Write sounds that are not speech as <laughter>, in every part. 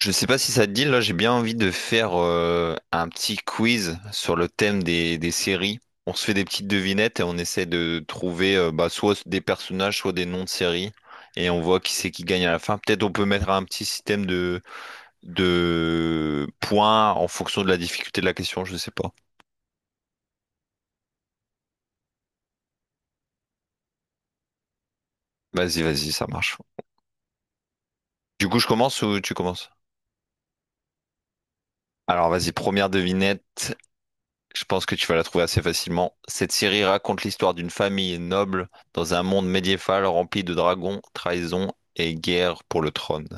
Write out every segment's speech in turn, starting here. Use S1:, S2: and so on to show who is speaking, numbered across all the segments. S1: Je sais pas si ça te dit, là j'ai bien envie de faire un petit quiz sur le thème des séries. On se fait des petites devinettes et on essaie de trouver soit des personnages, soit des noms de séries. Et on voit qui c'est qui gagne à la fin. Peut-être on peut mettre un petit système de points en fonction de la difficulté de la question, je sais pas. Vas-y, vas-y, ça marche. Du coup, je commence ou tu commences? Alors vas-y, première devinette. Je pense que tu vas la trouver assez facilement. Cette série raconte l'histoire d'une famille noble dans un monde médiéval rempli de dragons, trahisons et guerre pour le trône.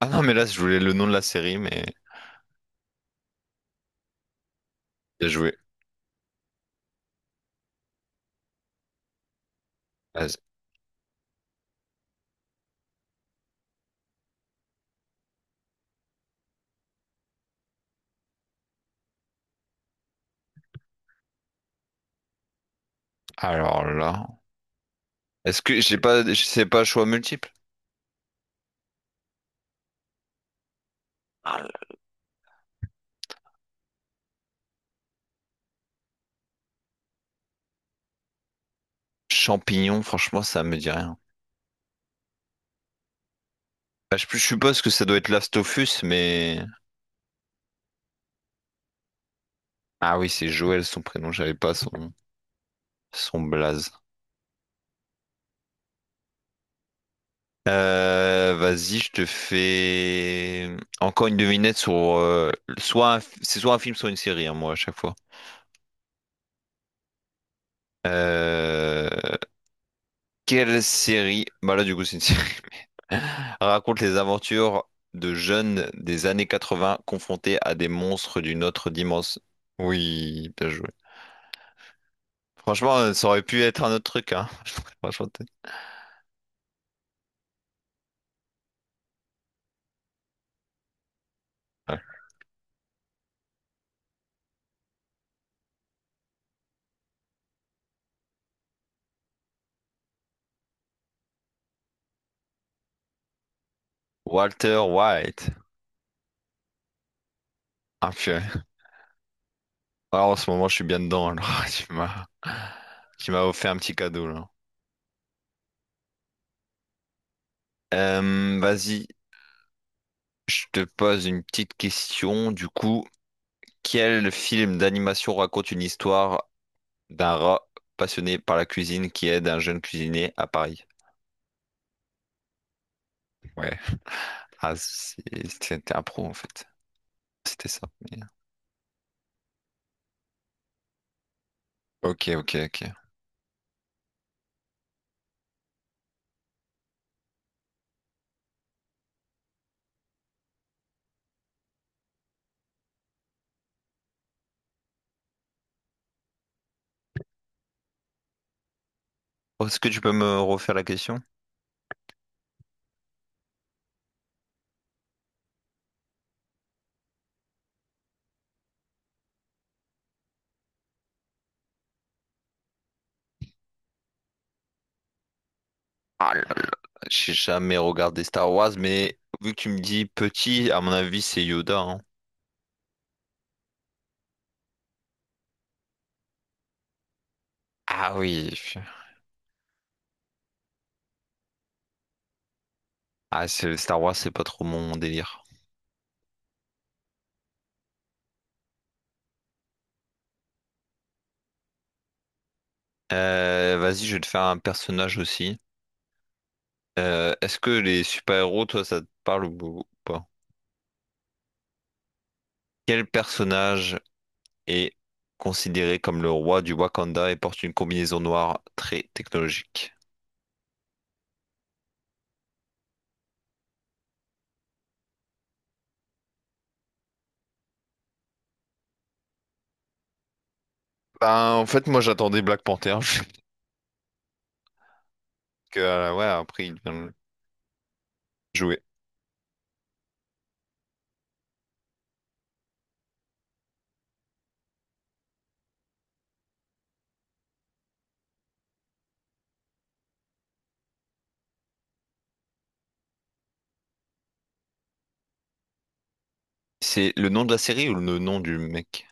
S1: Ah non, mais là, je voulais le nom de la série, mais bien joué. Vas-y. Alors là, est-ce que j'ai pas, je sais pas, choix multiple? Ah, le champignon, franchement, ça me dit rien. Bah, je suppose que ça doit être Last of Us, mais ah oui, c'est Joël son prénom, j'avais pas son son blaze. Vas-y, je te fais encore une devinette sur soit un c'est soit un film, soit une série, hein, moi à chaque fois. Euh, quelle série? Bah là, du coup, c'est une série. <laughs> Raconte les aventures de jeunes des années 80 confrontés à des monstres d'une autre dimension. Oui, bien joué. Franchement, ça aurait pu être un autre truc, hein. <laughs> Franchement, ouais. Walter White. Ah, purée. Ah, en ce moment, je suis bien dedans. Alors, <laughs> tu m'as, tu m'as offert un petit cadeau là. Vas-y, je te pose une petite question. Du coup, quel film d'animation raconte une histoire d'un rat passionné par la cuisine qui aide un jeune cuisinier à Paris? Ouais. <laughs> Ah, c'est- c'était un pro en fait. C'était ça. Ok, ok, ok. Est-ce que tu peux me refaire la question? Ah là là, j'ai jamais regardé Star Wars, mais vu que tu me dis petit, à mon avis, c'est Yoda, hein. Ah oui. Ah, c'est- Star Wars, c'est pas trop mon délire. Vas-y, je vais te faire un personnage aussi. Est-ce que les super-héros, toi, ça te parle ou pas? Quel personnage est considéré comme le roi du Wakanda et porte une combinaison noire très technologique? Ben, en fait, moi, j'attendais Black Panther. <laughs> Que, ouais, après, il vient jouer. C'est le nom de la série ou le nom du mec?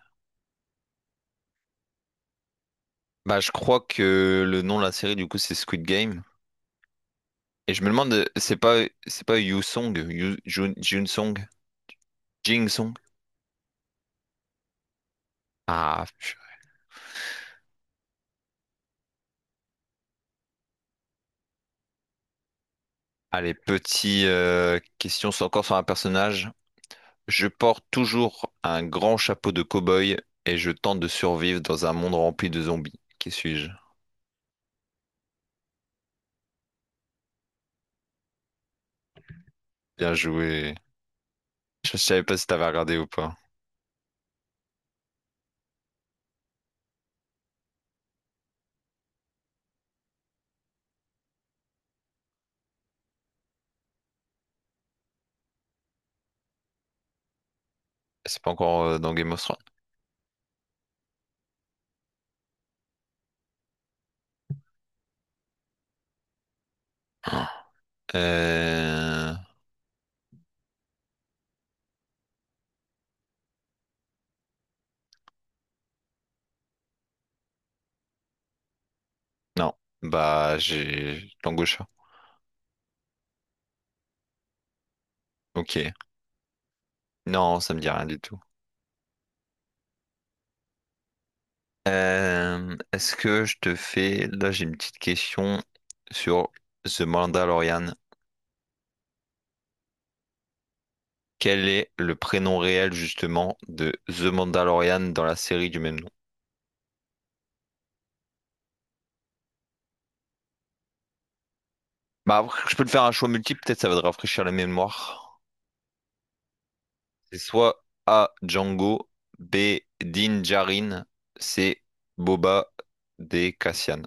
S1: Bah, je crois que le nom de la série, du coup, c'est Squid Game. Et je me demande, c'est pas Yu Song, Yu, Jun, Jun Song, Jing Song? Ah, Allez, petite question encore sur un personnage. Je porte toujours un grand chapeau de cow-boy et je tente de survivre dans un monde rempli de zombies. Qui suis-je? Bien joué. Je savais pas si t'avais regardé ou pas. C'est pas encore dans Game of Thrones. Euh... Non. Bah, j'ai l'angosha. Ok. Non, ça me dit rien du tout. Est-ce que je te fais... Là, j'ai une petite question sur The Mandalorian. Quel est le prénom réel justement de The Mandalorian dans la série du même nom? Bah, après, je peux te faire un choix multiple, peut-être ça va te rafraîchir la mémoire. C'est soit A. Django, B. Din Djarin, C. Boba, D. Cassian.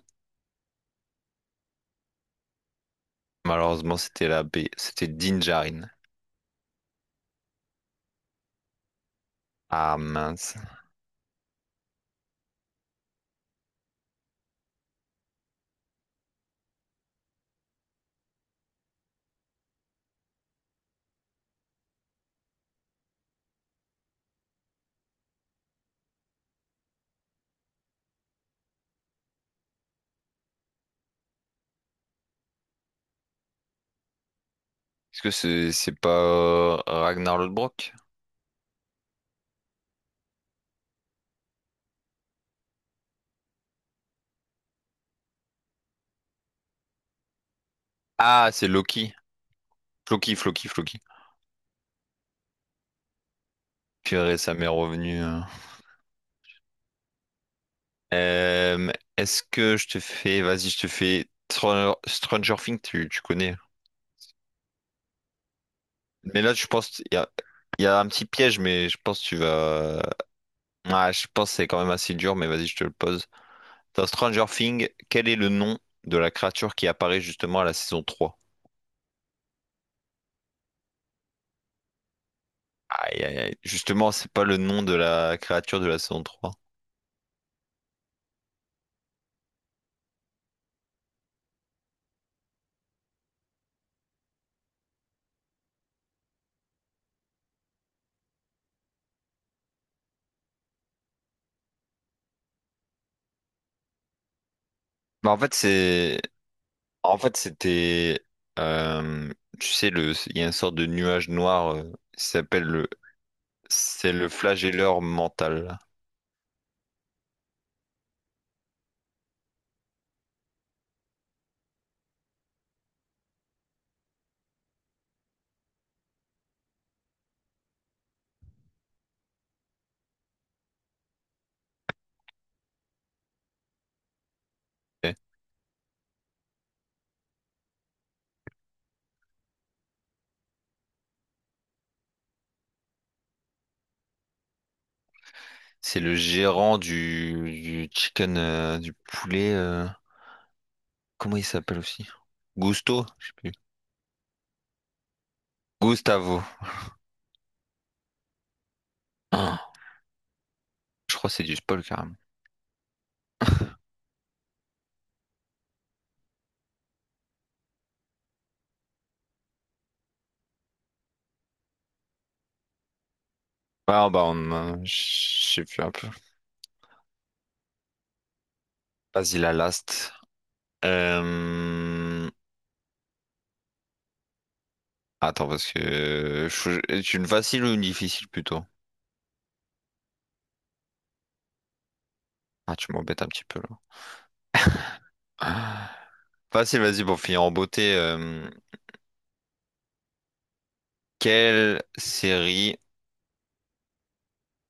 S1: Malheureusement, c'était la B, c'était Din Djarin. Ah mince. Est-ce que c'est pas Ragnar Lodbrok? Ah, c'est Loki. Floki, Floki, Floki. Purée, ça m'est revenu. Euh, est-ce que je te fais, vas-y, je te fais Stranger Things, tu connais. Mais là, je pense, il y a un petit piège, mais je pense que tu vas. Ah, je pense que c'est quand même assez dur, mais vas-y, je te le pose. Dans Stranger Things, quel est le nom de la créature qui apparaît justement à la saison trois. Aïe, aïe, aïe. Justement, c'est pas le nom de la créature de la saison 3. Bah, en fait, c'est. En fait, c'était. euh, Tu sais, le... il y a une sorte de nuage noir, qui s'appelle C'est le flagelleur mental. Ok. C'est le gérant du chicken, du poulet. Comment il s'appelle aussi? Gusto? Je sais plus. Gustavo. Ah, je crois que c'est du spoil carrément. Je sais plus un peu. Vas-y la last. Euh, Attends parce que est-ce une facile ou une difficile plutôt? Ah tu m'embêtes un petit peu là. Ah. Facile, vas-y pour finir en beauté. Quelle série?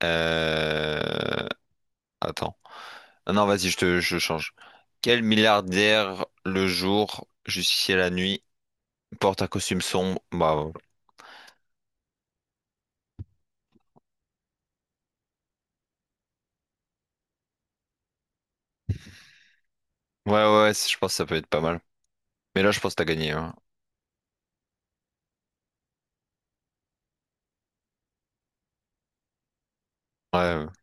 S1: euh, Attends. Ah non, vas-y, je change. Quel milliardaire le jour, justicier la nuit, porte un costume sombre? Bah, ouais, ouais, je pense que ça peut être pas mal. Mais là, je pense que t'as gagné. Hein. Ouais, ouais.